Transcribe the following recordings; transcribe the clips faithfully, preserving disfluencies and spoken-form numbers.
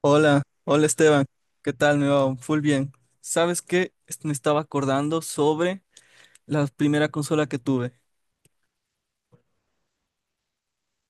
Hola, hola Esteban, ¿qué tal? Me va full bien. ¿Sabes qué? Est- Me estaba acordando sobre la primera consola que tuve.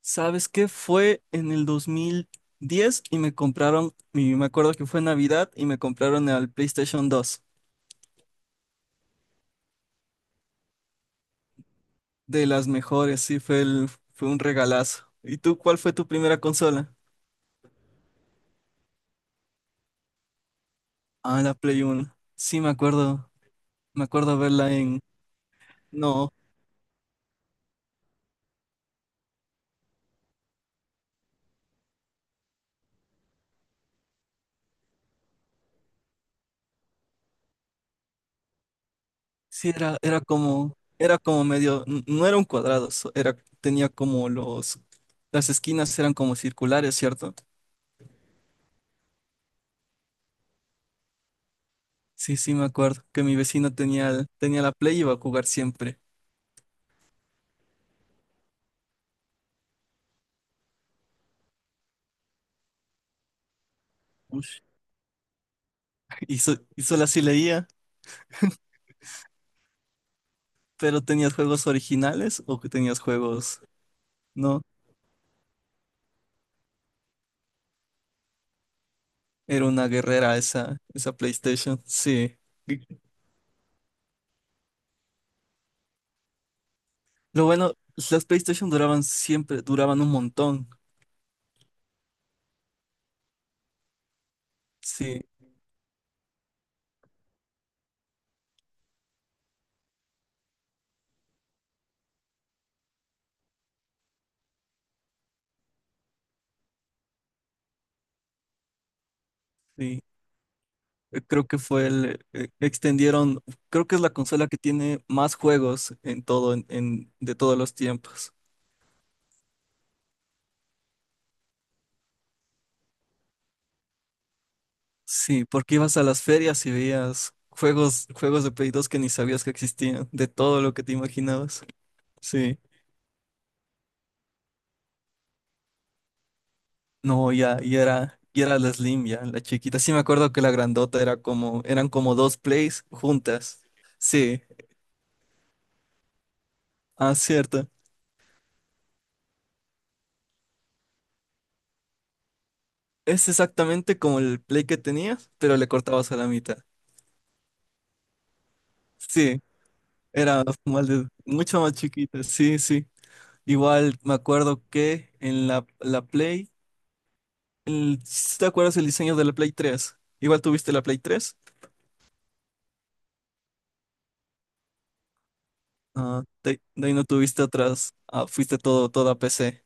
¿Sabes qué? Fue en el dos mil diez y me compraron, y me acuerdo que fue Navidad y me compraron el PlayStation dos. De las mejores, sí, fue, el- fue un regalazo. ¿Y tú cuál fue tu primera consola? Ah, la Play uno. Sí, me acuerdo, me acuerdo verla en. No, sí, era, era como, era como medio, n- no era un cuadrado, so- era, tenía como los, las esquinas eran como circulares, ¿cierto? Sí, sí, me acuerdo que mi vecino tenía, el- tenía la Play y iba a jugar siempre. Ush. Y, so- y solo así leía, pero ¿tenías juegos originales o que tenías juegos? No, era una guerrera esa, esa PlayStation, sí. Lo bueno, las PlayStation duraban siempre, duraban un montón, sí, sí. eh, creo que fue el, eh, extendieron, creo que es la consola que tiene más juegos en todo, en, en- de todos los tiempos. Sí, porque ibas a las ferias y veías juegos, juegos de Play dos que ni sabías que existían, de todo lo que te imaginabas. Sí. No, ya, y era, y era la Slim, ya, la chiquita. Sí me acuerdo que la grandota era como, eran como dos Plays juntas. Sí, ah, cierto. Es exactamente como el Play que tenías, pero le cortabas a la mitad. Sí, era más de- mucho más chiquita, sí, sí. Igual me acuerdo que en la, la Play, el- ¿sí, ¿te acuerdas el diseño de la Play tres? Igual tuviste la Play tres. Ah, de, de ahí no tuviste atrás, ah, fuiste todo, toda P C.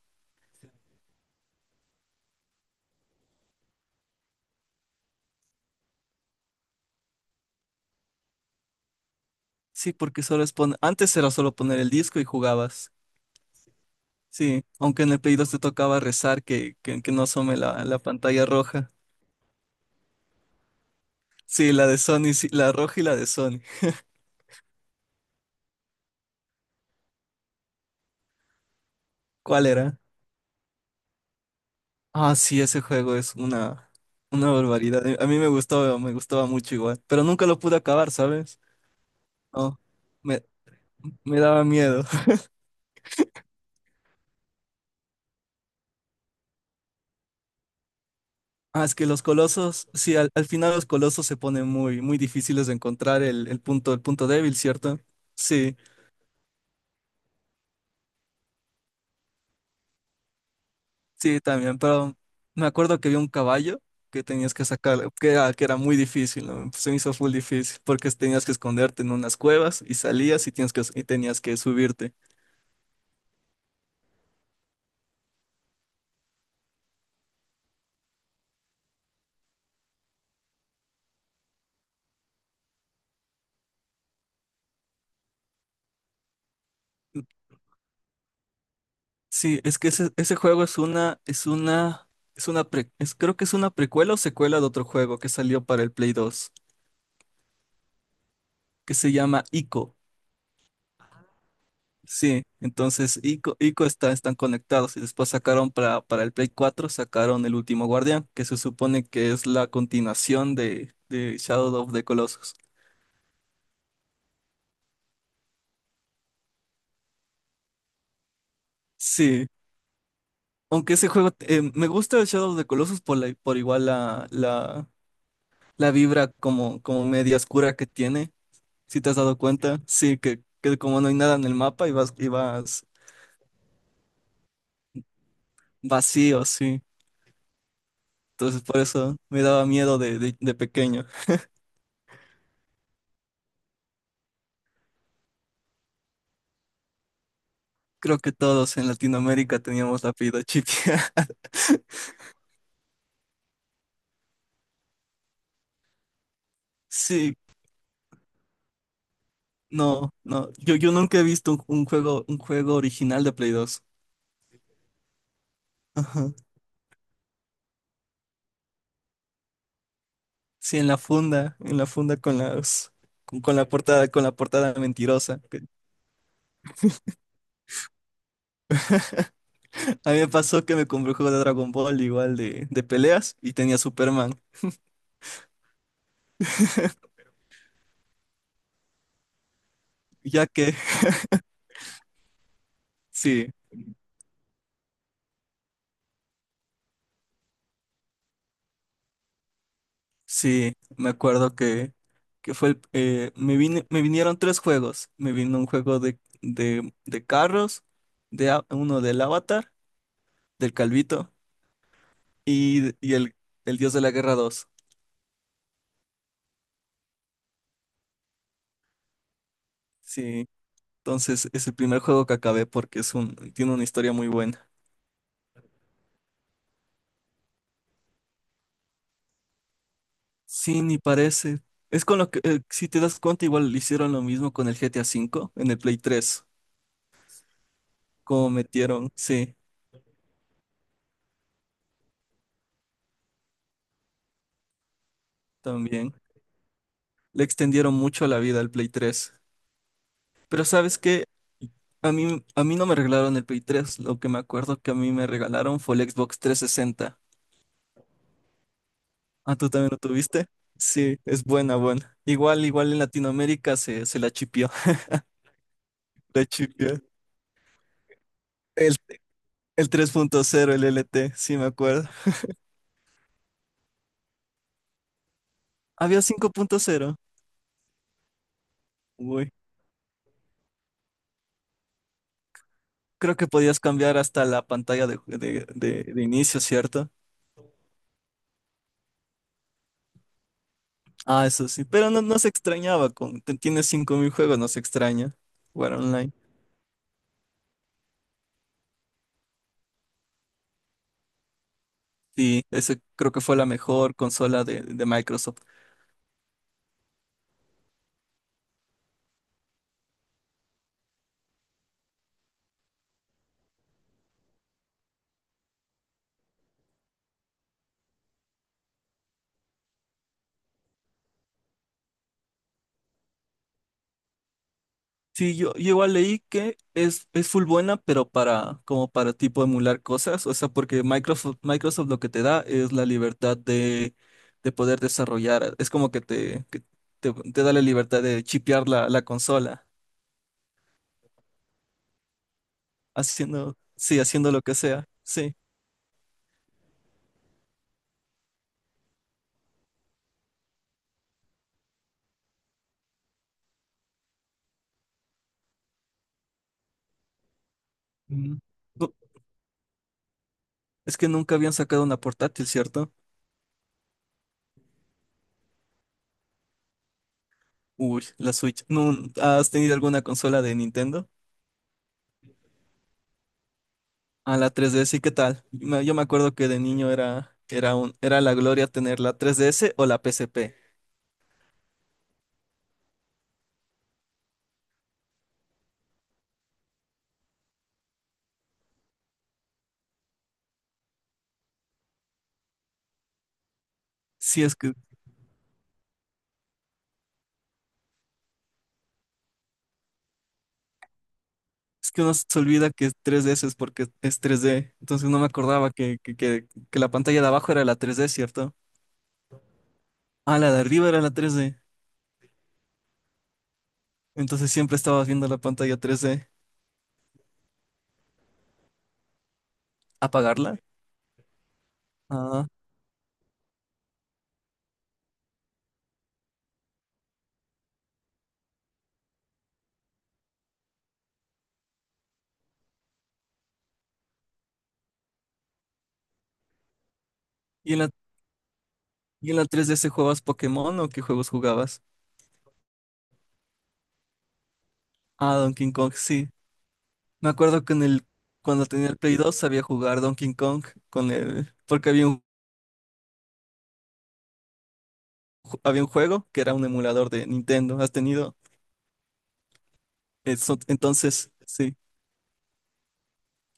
Sí, porque solo es pon- antes era solo poner el disco y jugabas. Sí, aunque en el Play dos te tocaba rezar que, que, que no asome la, la pantalla roja. Sí, la de Sony, sí, la roja y la de Sony. ¿Cuál era? Ah, sí, ese juego es una, una barbaridad. A mí me gustaba, me gustaba mucho igual, pero nunca lo pude acabar, ¿sabes? No, me, me daba miedo. Ah, es que los colosos, sí, al, al final los colosos se ponen muy, muy difíciles de encontrar el, el punto, el punto débil, ¿cierto? Sí, sí, también, pero me acuerdo que había un caballo que tenías que sacar, que era, que era muy difícil, ¿no? Se me hizo full difícil, porque tenías que esconderte en unas cuevas y salías y, tienes que, y tenías que subirte. Sí, es que ese, ese juego es una, es una, es una pre- es- creo que es una precuela o secuela de otro juego que salió para el Play dos que se llama Ico. Sí, entonces Ico, Ico está, están conectados y después sacaron para, para el Play cuatro sacaron El Último Guardián, que se supone que es la continuación de, de Shadow of the Colossus. Sí, aunque ese juego, eh, me gusta el Shadow of the Colossus por, la, por igual la, la, la vibra como, como media oscura que tiene. Si te has dado cuenta, sí, que, que como no hay nada en el mapa y vas, y vas vacío, sí. Entonces por eso me daba miedo de, de, de pequeño. Creo que todos en Latinoamérica teníamos la vida chipia. Sí, no, no. Yo, yo nunca he visto un, un juego, un juego original de Play dos. Ajá. Sí, en la funda, en la funda con las, con, con la portada, con la portada mentirosa. A mí me pasó que me compré un juego de Dragon Ball igual de, de peleas y tenía Superman. Ya que, sí. Sí, me acuerdo que, que fue el, eh, me vine- me vinieron tres juegos. Me vino un juego de, de, de carros, de a- uno del Avatar, del Calvito, y, y el, el Dios de la Guerra dos. Sí, entonces es el primer juego que acabé porque es un, tiene una historia muy buena. Sí, ni parece. Es con lo que, eh, si te das cuenta, igual hicieron lo mismo con el G T A V en el Play tres. Como metieron, sí, también. Le extendieron mucho la vida al Play tres. Pero ¿sabes qué? A mí, a mí no me regalaron el Play tres. Lo que me acuerdo que a mí me regalaron fue el Xbox trescientos sesenta. Ah, ¿tú también lo tuviste? Sí, es buena, buena. Igual, igual en Latinoamérica se, se la chipió. La chipió. El, el tres punto cero, el L T, sí me acuerdo. Había cinco punto cero. Uy. Creo que podías cambiar hasta la pantalla de, de, de- de inicio, ¿cierto? Ah, eso sí. Pero no, no se extrañaba. Con, te- tienes cinco mil juegos, no se extraña jugar online. Sí, ese creo que fue la mejor consola de, de Microsoft. Sí, yo, yo igual leí que es, es full buena, pero para, como para tipo emular cosas, o sea, porque Microsoft, Microsoft lo que te da es la libertad de, de poder desarrollar, es como que te, que te, te da la libertad de chipear la, la consola, haciendo, sí, haciendo lo que sea, sí. Mm. No, es que nunca habían sacado una portátil, ¿cierto? Uy, la Switch. ¿No has tenido alguna consola de Nintendo? A la tres D S, ¿y qué tal? Me- Yo me acuerdo que de niño era, era un, era la gloria tener la tres D S o la P S P. Sí, es que, es que uno se olvida que es tres D S es porque es tres d. Entonces no me acordaba que, que, que, que la pantalla de abajo era la tres d, ¿cierto? Ah, la de arriba era la tres d. Entonces siempre estabas viendo la pantalla tres d. ¿Apagarla? Ah. ¿Y en la, y en la tres D S jugabas Pokémon o qué juegos jugabas? Ah, Donkey Kong, sí. Me acuerdo que en el, cuando tenía el Play dos sabía jugar Donkey Kong con el, porque había un, había un juego que era un emulador de Nintendo. ¿Has tenido? Eso- entonces, sí.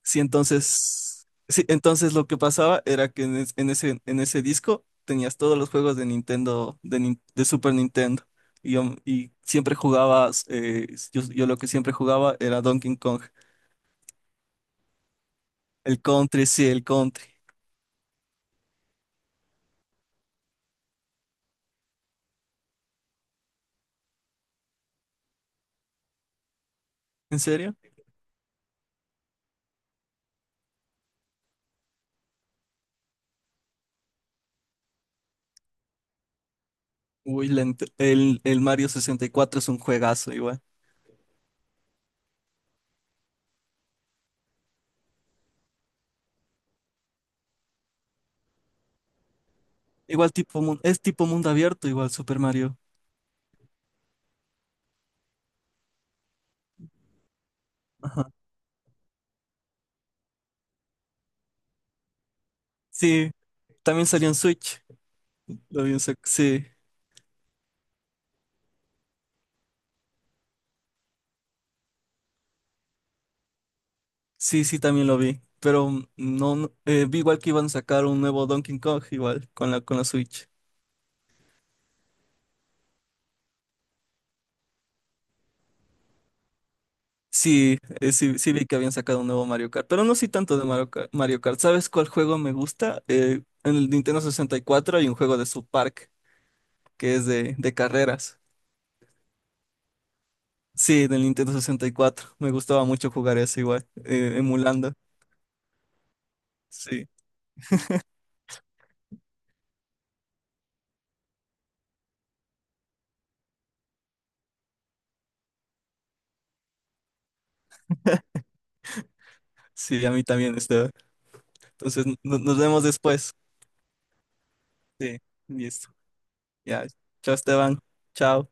Sí, entonces. Sí, entonces lo que pasaba era que en, es- en ese, en ese disco tenías todos los juegos de Nintendo, de, Nin- de Super Nintendo. Y, yo- y siempre jugabas, eh, yo, yo lo que siempre jugaba era Donkey Kong. El Country, sí, el Country. ¿En serio? Uy, la int- el, el Mario sesenta y cuatro es un juegazo igual. Igual tipo, mun- es tipo mundo abierto, igual Super Mario. Ajá. Sí, también salió en Switch. Lo vi en sec- Sí, sí, sí, también lo vi. Pero mm, no, no- eh, vi igual que iban a sacar un nuevo Donkey Kong, igual, con la, con la Switch. Sí, eh, sí, sí vi que habían sacado un nuevo Mario Kart, pero no sí tanto de Mario Kart. Mario Kart. ¿Sabes cuál juego me gusta? Eh, en el Nintendo sesenta y cuatro hay un juego de South Park, que es de, de carreras. Sí, del Nintendo sesenta y cuatro. Me gustaba mucho jugar eso igual, eh, emulando. Sí, sí, a mí también, Esteban. Entonces, no- nos vemos después. Sí, listo. Ya, chao, Esteban. Chao.